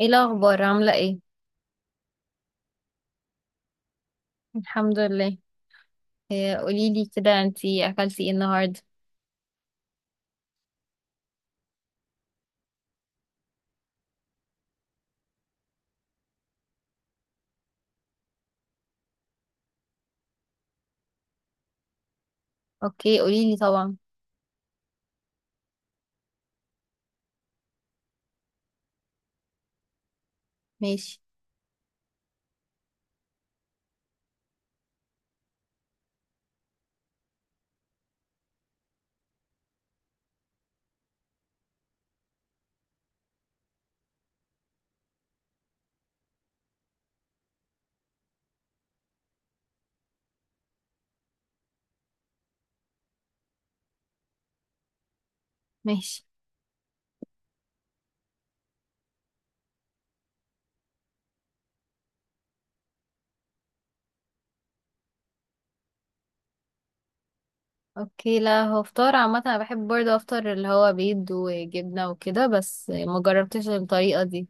ايه الاخبار؟ عامله ايه؟ الحمد لله. إيه، قولي لي كده، انتي اكلتي ايه النهارده؟ اوكي، قولي لي طبعا. ماشي ماشي. اوكي، لا هو فطار عامه، انا بحب برضه افطر اللي هو بيض وجبنه وكده، بس ما جربتش الطريقه دي.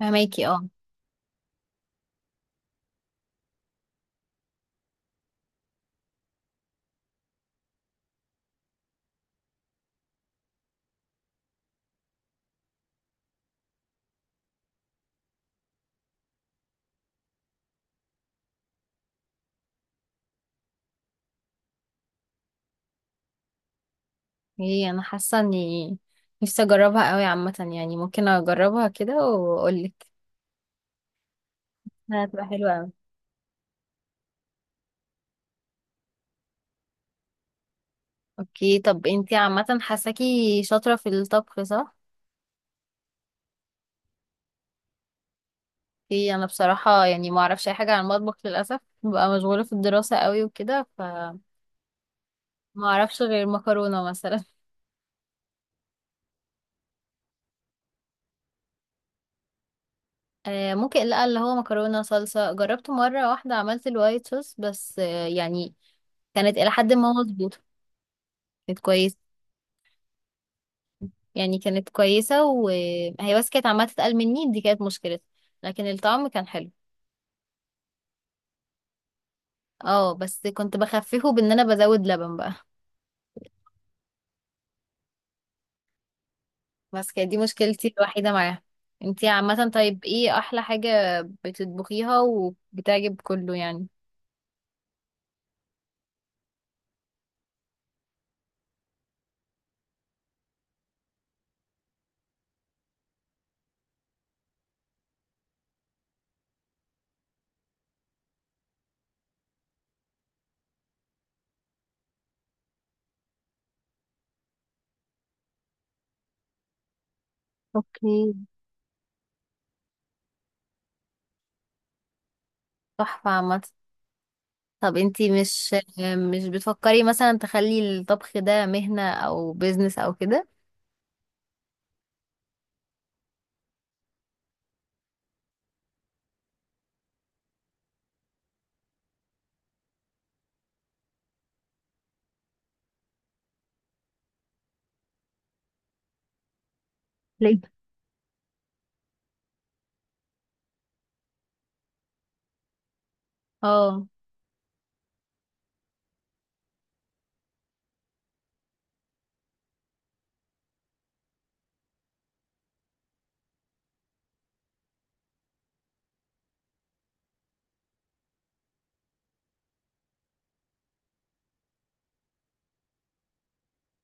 فهماكي، اه. ايه، انا حاسه اني نفسي اجربها قوي. عامه يعني ممكن اجربها كده واقول لك. هتبقى حلوه قوي. اوكي، طب انتي عامه حاساكي شاطره في الطبخ، صح؟ ايه، انا بصراحة يعني ما اعرفش اي حاجة عن المطبخ للأسف، ببقى مشغولة في الدراسة قوي وكده، فما اعرفش غير مكرونة مثلا. آه، ممكن. لا، اللي هو مكرونة صلصة. جربت مرة واحدة عملت الوايت صوص بس، آه يعني كانت الى حد ما مظبوطة. كانت كويسة. يعني كانت كويسة، وهي بس كانت عمالة تتقل مني، دي كانت مشكلتها. لكن الطعم كان حلو. اه، بس كنت بخففه بان انا بزود لبن بقى. بس كانت دي مشكلتي الوحيدة معاها. انتي عامة، طيب ايه احلى حاجة بتطبخيها وبتعجب كله يعني؟ اوكي. تحفة عامة. طب انتي مش بتفكري مثلا تخلي الطبخ ده مهنة او بيزنس او كده؟ ليه؟ اه.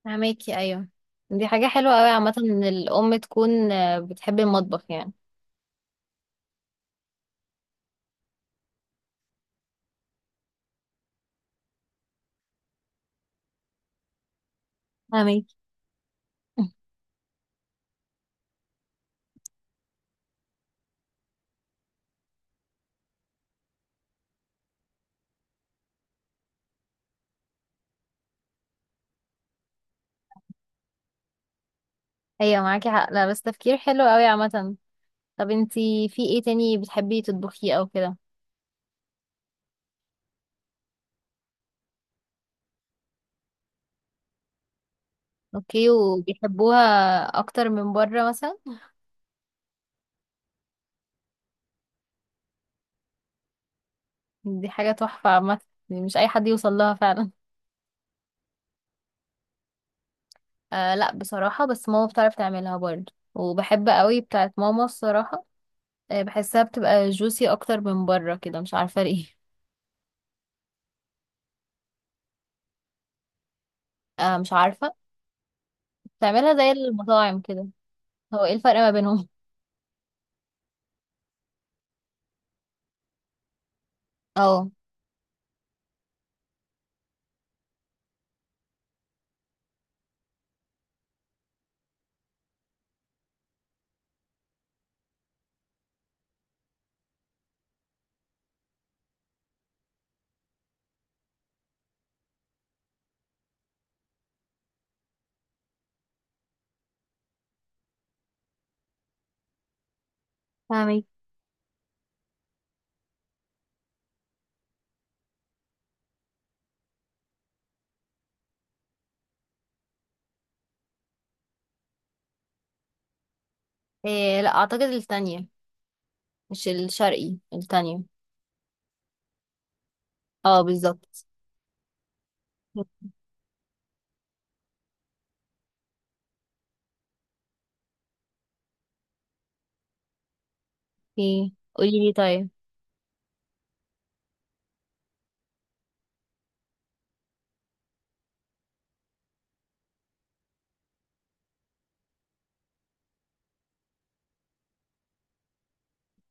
فهماكي، ايوه. دي حاجة حلوة اوي عامة، ان الام تكون بتحب المطبخ يعني. فاهمك. ايوه، معاكي حق. لا بس تفكير حلو اوي عامة. طب انتي في ايه تاني بتحبي تطبخيه او كده؟ اوكي، وبيحبوها اكتر من بره مثلا؟ دي حاجة تحفة عامة. دي مش اي حد يوصل لها فعلا. آه، لا بصراحة. بس ماما بتعرف تعملها برضه، وبحب قوي بتاعت ماما الصراحة. آه، بحسها بتبقى جوسي اكتر من بره كده، مش عارفة ليه. آه، مش عارفة. بتعملها زي المطاعم كده. هو ايه الفرق ما بينهم؟ اه. فاهمك. آه، لا اعتقد التانية. مش الشرقي، التانية. اه، بالظبط. اوكي، قولي لي طيب.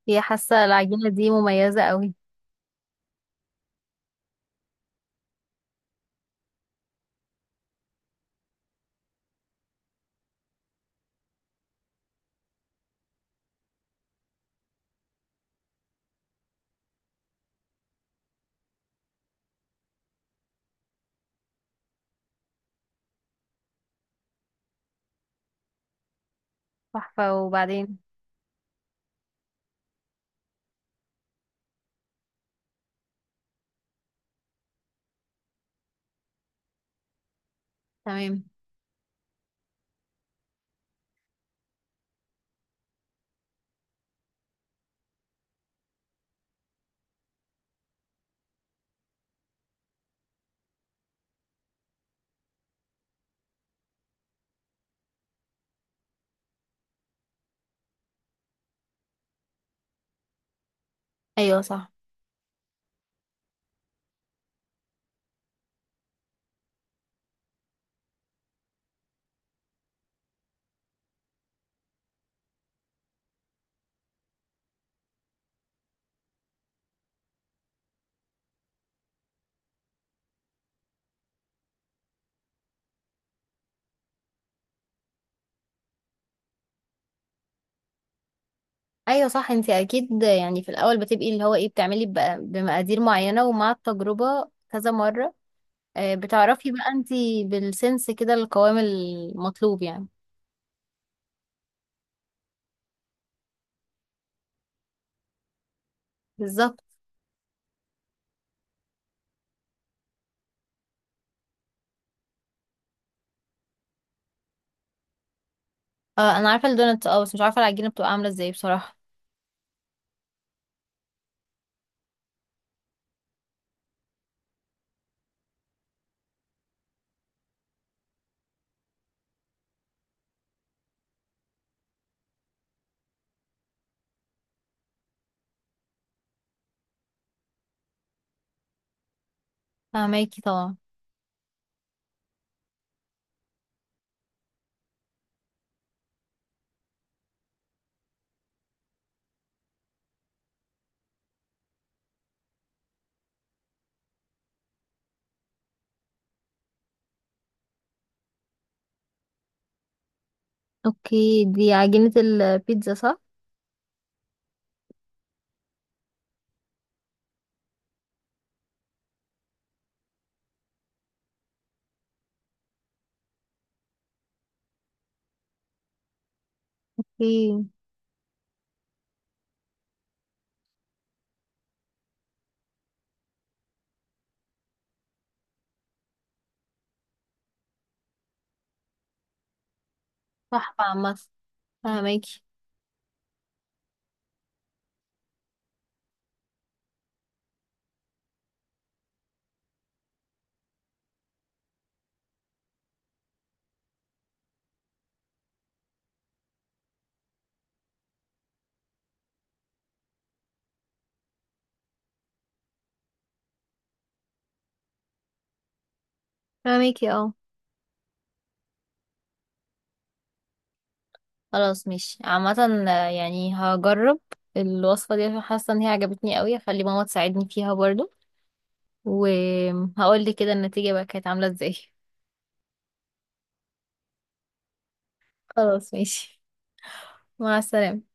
هي حاسة العجينة دي مميزة قوي. تحفة. وبعدين؟ تمام. ايوه صح، ايوه صح. انت اكيد يعني في الاول بتبقي اللي هو ايه، بتعملي بقى بمقادير معينه، ومع التجربه كذا مره آه، بتعرفي بقى انت بالسنس كده القوام المطلوب يعني. بالظبط. اه، انا عارفه الدونات. اه بس مش عارفه العجينه بتبقى عامله ازاي بصراحه. فهماكي طبعا. اوكي، دي عجينه البيتزا صح؟ اوكي. صح عامه. فهماكي. فاهمكي، اه. خلاص، ماشي عامه. يعني هجرب الوصفه دي عشان حاسه ان هي عجبتني قوي. هخلي ماما تساعدني فيها برضو، وهقول لي كده النتيجة بقى كانت عاملة ازاي. خلاص ماشي. مع السلامة.